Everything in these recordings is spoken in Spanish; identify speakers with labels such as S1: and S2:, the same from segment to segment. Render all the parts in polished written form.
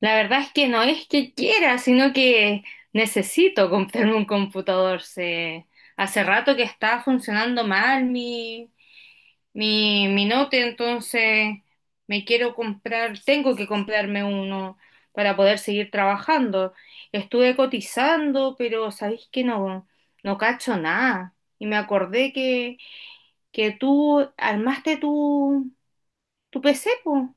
S1: La verdad es que no es que quiera, sino que necesito comprarme un computador. Hace rato que está funcionando mal mi note, entonces me quiero comprar, tengo que comprarme uno para poder seguir trabajando. Estuve cotizando, pero sabéis que no cacho nada. Y me acordé que tú armaste tu PC, po.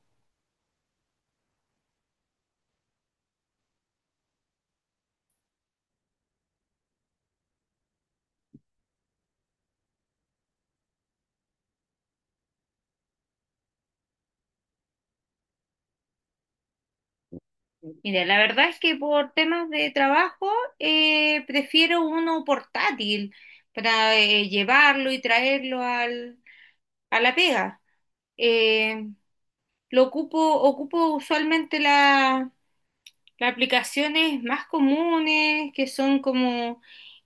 S1: Mira, la verdad es que por temas de trabajo, prefiero uno portátil para llevarlo y traerlo a la pega. Eh, ocupo usualmente las aplicaciones más comunes, que son como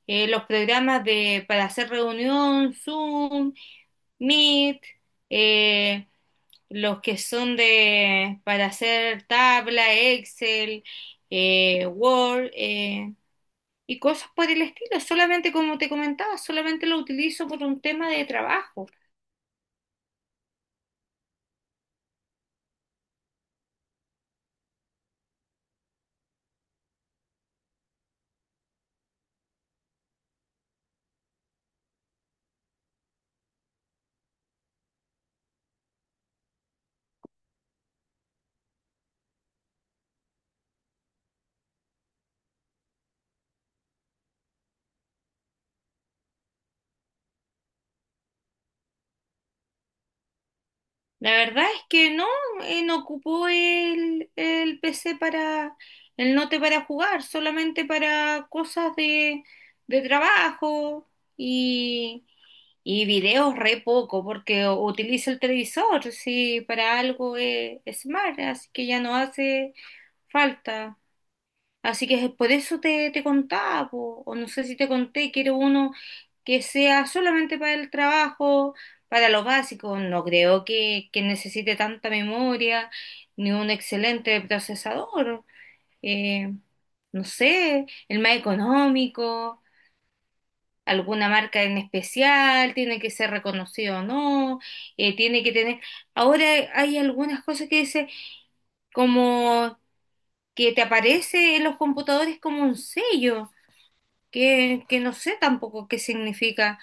S1: los programas para hacer reunión: Zoom, Meet, eh, los que son para hacer tabla, Excel, Word, y cosas por el estilo. Solamente, como te comentaba, solamente lo utilizo por un tema de trabajo. La verdad es que no, no ocupo el PC el note para jugar, solamente para cosas de trabajo, y, y videos re poco, porque utilizo el televisor, sí, para algo es smart, así que ya no hace falta. Así que es por eso te contaba, po, o no sé si te conté, quiero uno que sea solamente para el trabajo, para lo básico. No creo que necesite tanta memoria, ni un excelente procesador. Eh, no sé, el más económico. Alguna marca en especial, ¿tiene que ser reconocido o no? Tiene que tener... Ahora hay algunas cosas que dice, como que te aparece en los computadores como un sello, que no sé tampoco qué significa.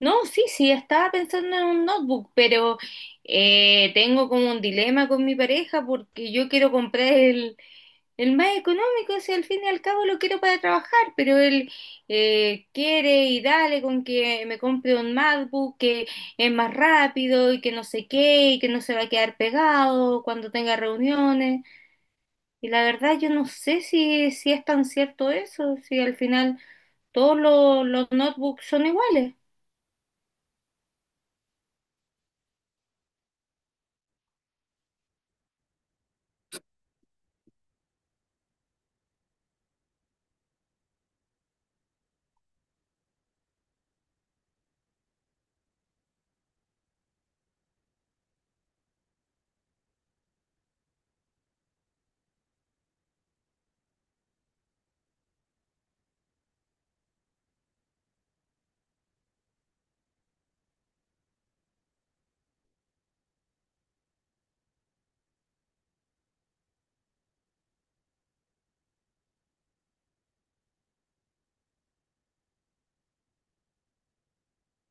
S1: No, sí, sí, estaba pensando en un notebook, pero tengo como un dilema con mi pareja, porque yo quiero comprar el más económico, si al fin y al cabo lo quiero para trabajar, pero él quiere y dale con que me compre un MacBook, que es más rápido, y que no sé qué, y que no se va a quedar pegado cuando tenga reuniones. Y la verdad, yo no sé si es tan cierto eso, si al final todos los notebooks son iguales.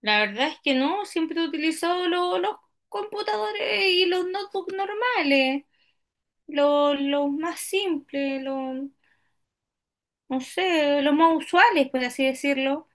S1: La verdad es que no, siempre he utilizado los computadores y los notebooks normales, los más simples, los, no sé, los más usuales, por así decirlo.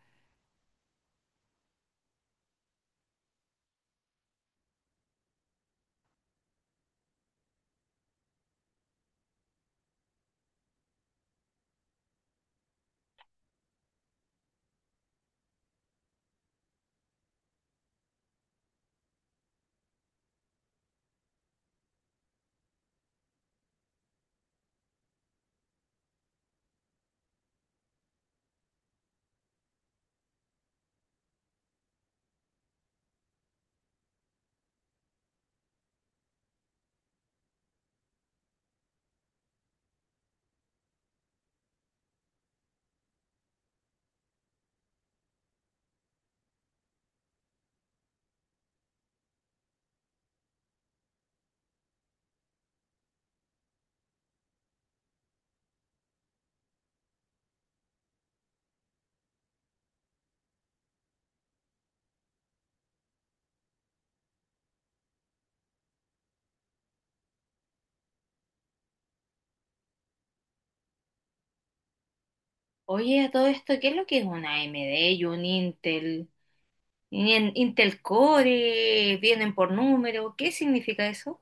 S1: Oye, a todo esto, ¿qué es lo que es una AMD y un Intel? Y en Intel Core, vienen por número, ¿qué significa eso?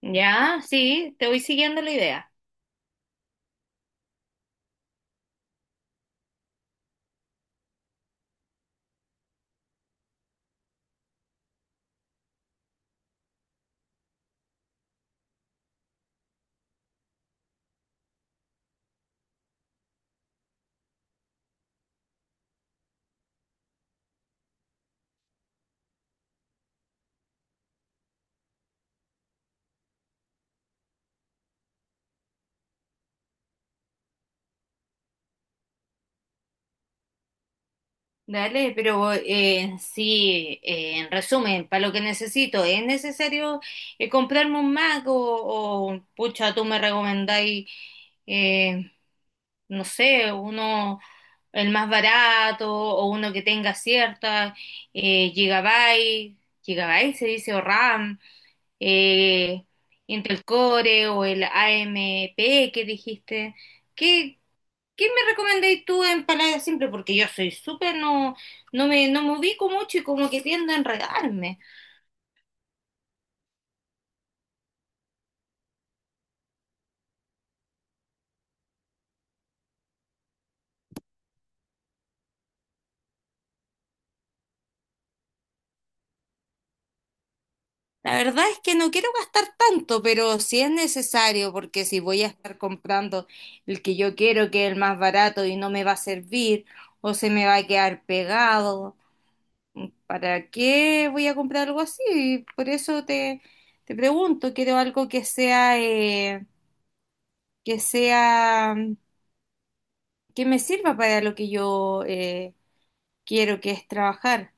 S1: Ya, sí, te voy siguiendo la idea. Dale, pero sí, en resumen, para lo que necesito, ¿es necesario comprarme un Mac, o pucha? Tú me recomendáis, eh, no sé, ¿uno el más barato, o uno que tenga cierta gigabyte, gigabyte se dice, o RAM, eh, Intel Core, o el AMP que dijiste? ¿Qué, ¿Qué me recomendáis tú en palabras simples? Porque yo soy súper, no, no me ubico mucho y como que tiendo a enredarme. La verdad es que no quiero gastar tanto, pero si es necesario, porque si voy a estar comprando el que yo quiero, que es el más barato, y no me va a servir, o se me va a quedar pegado, ¿para qué voy a comprar algo así? Por eso te pregunto, quiero algo que sea, que sea que me sirva para lo que yo quiero, que es trabajar.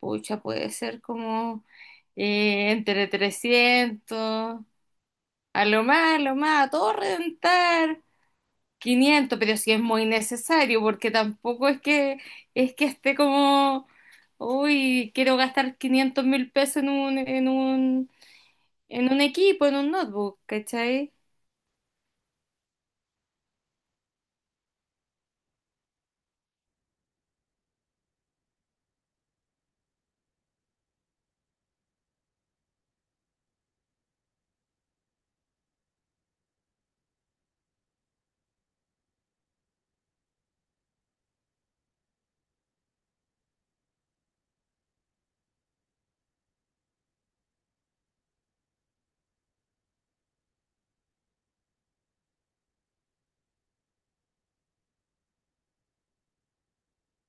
S1: Pucha, puede ser como entre 300, a lo más, a lo más, a todo reventar, 500. Pero si es muy necesario, porque tampoco es que esté como: uy, quiero gastar $500.000 en un, en un equipo, en un notebook, ¿cachai?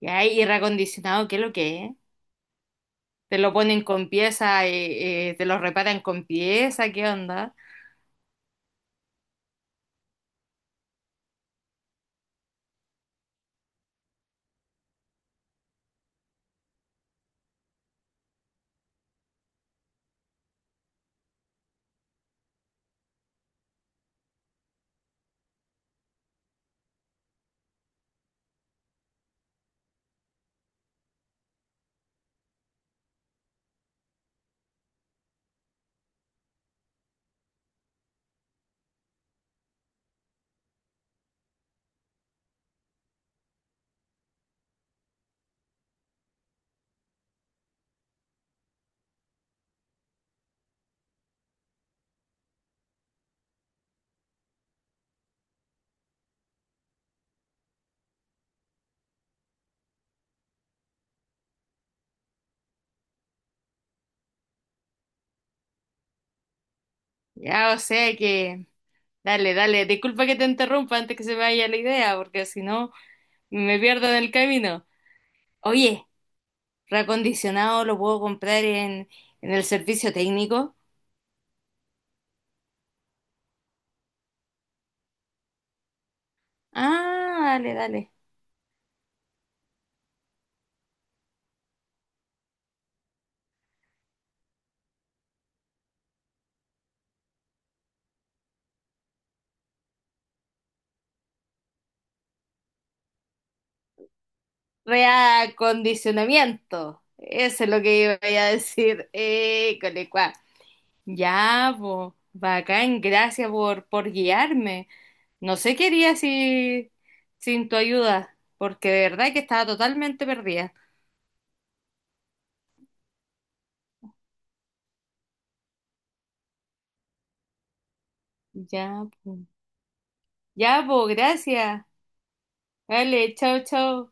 S1: Y ahí, y acondicionado, ¿qué es lo que es? ¿Te lo ponen con pieza, te lo reparan con pieza? ¿Qué onda? Ya, o sea que, dale, dale, disculpa que te interrumpa antes que se me vaya la idea, porque si no me pierdo en el camino. Oye, reacondicionado lo puedo comprar en el servicio técnico. Ah, dale, dale. Reacondicionamiento. Eso es lo que iba a decir. Ya, po, bacán, gracias por guiarme. No sé qué haría sin tu ayuda, porque de verdad que estaba totalmente perdida. Ya, po, ya, po, gracias. Dale, chao, chao.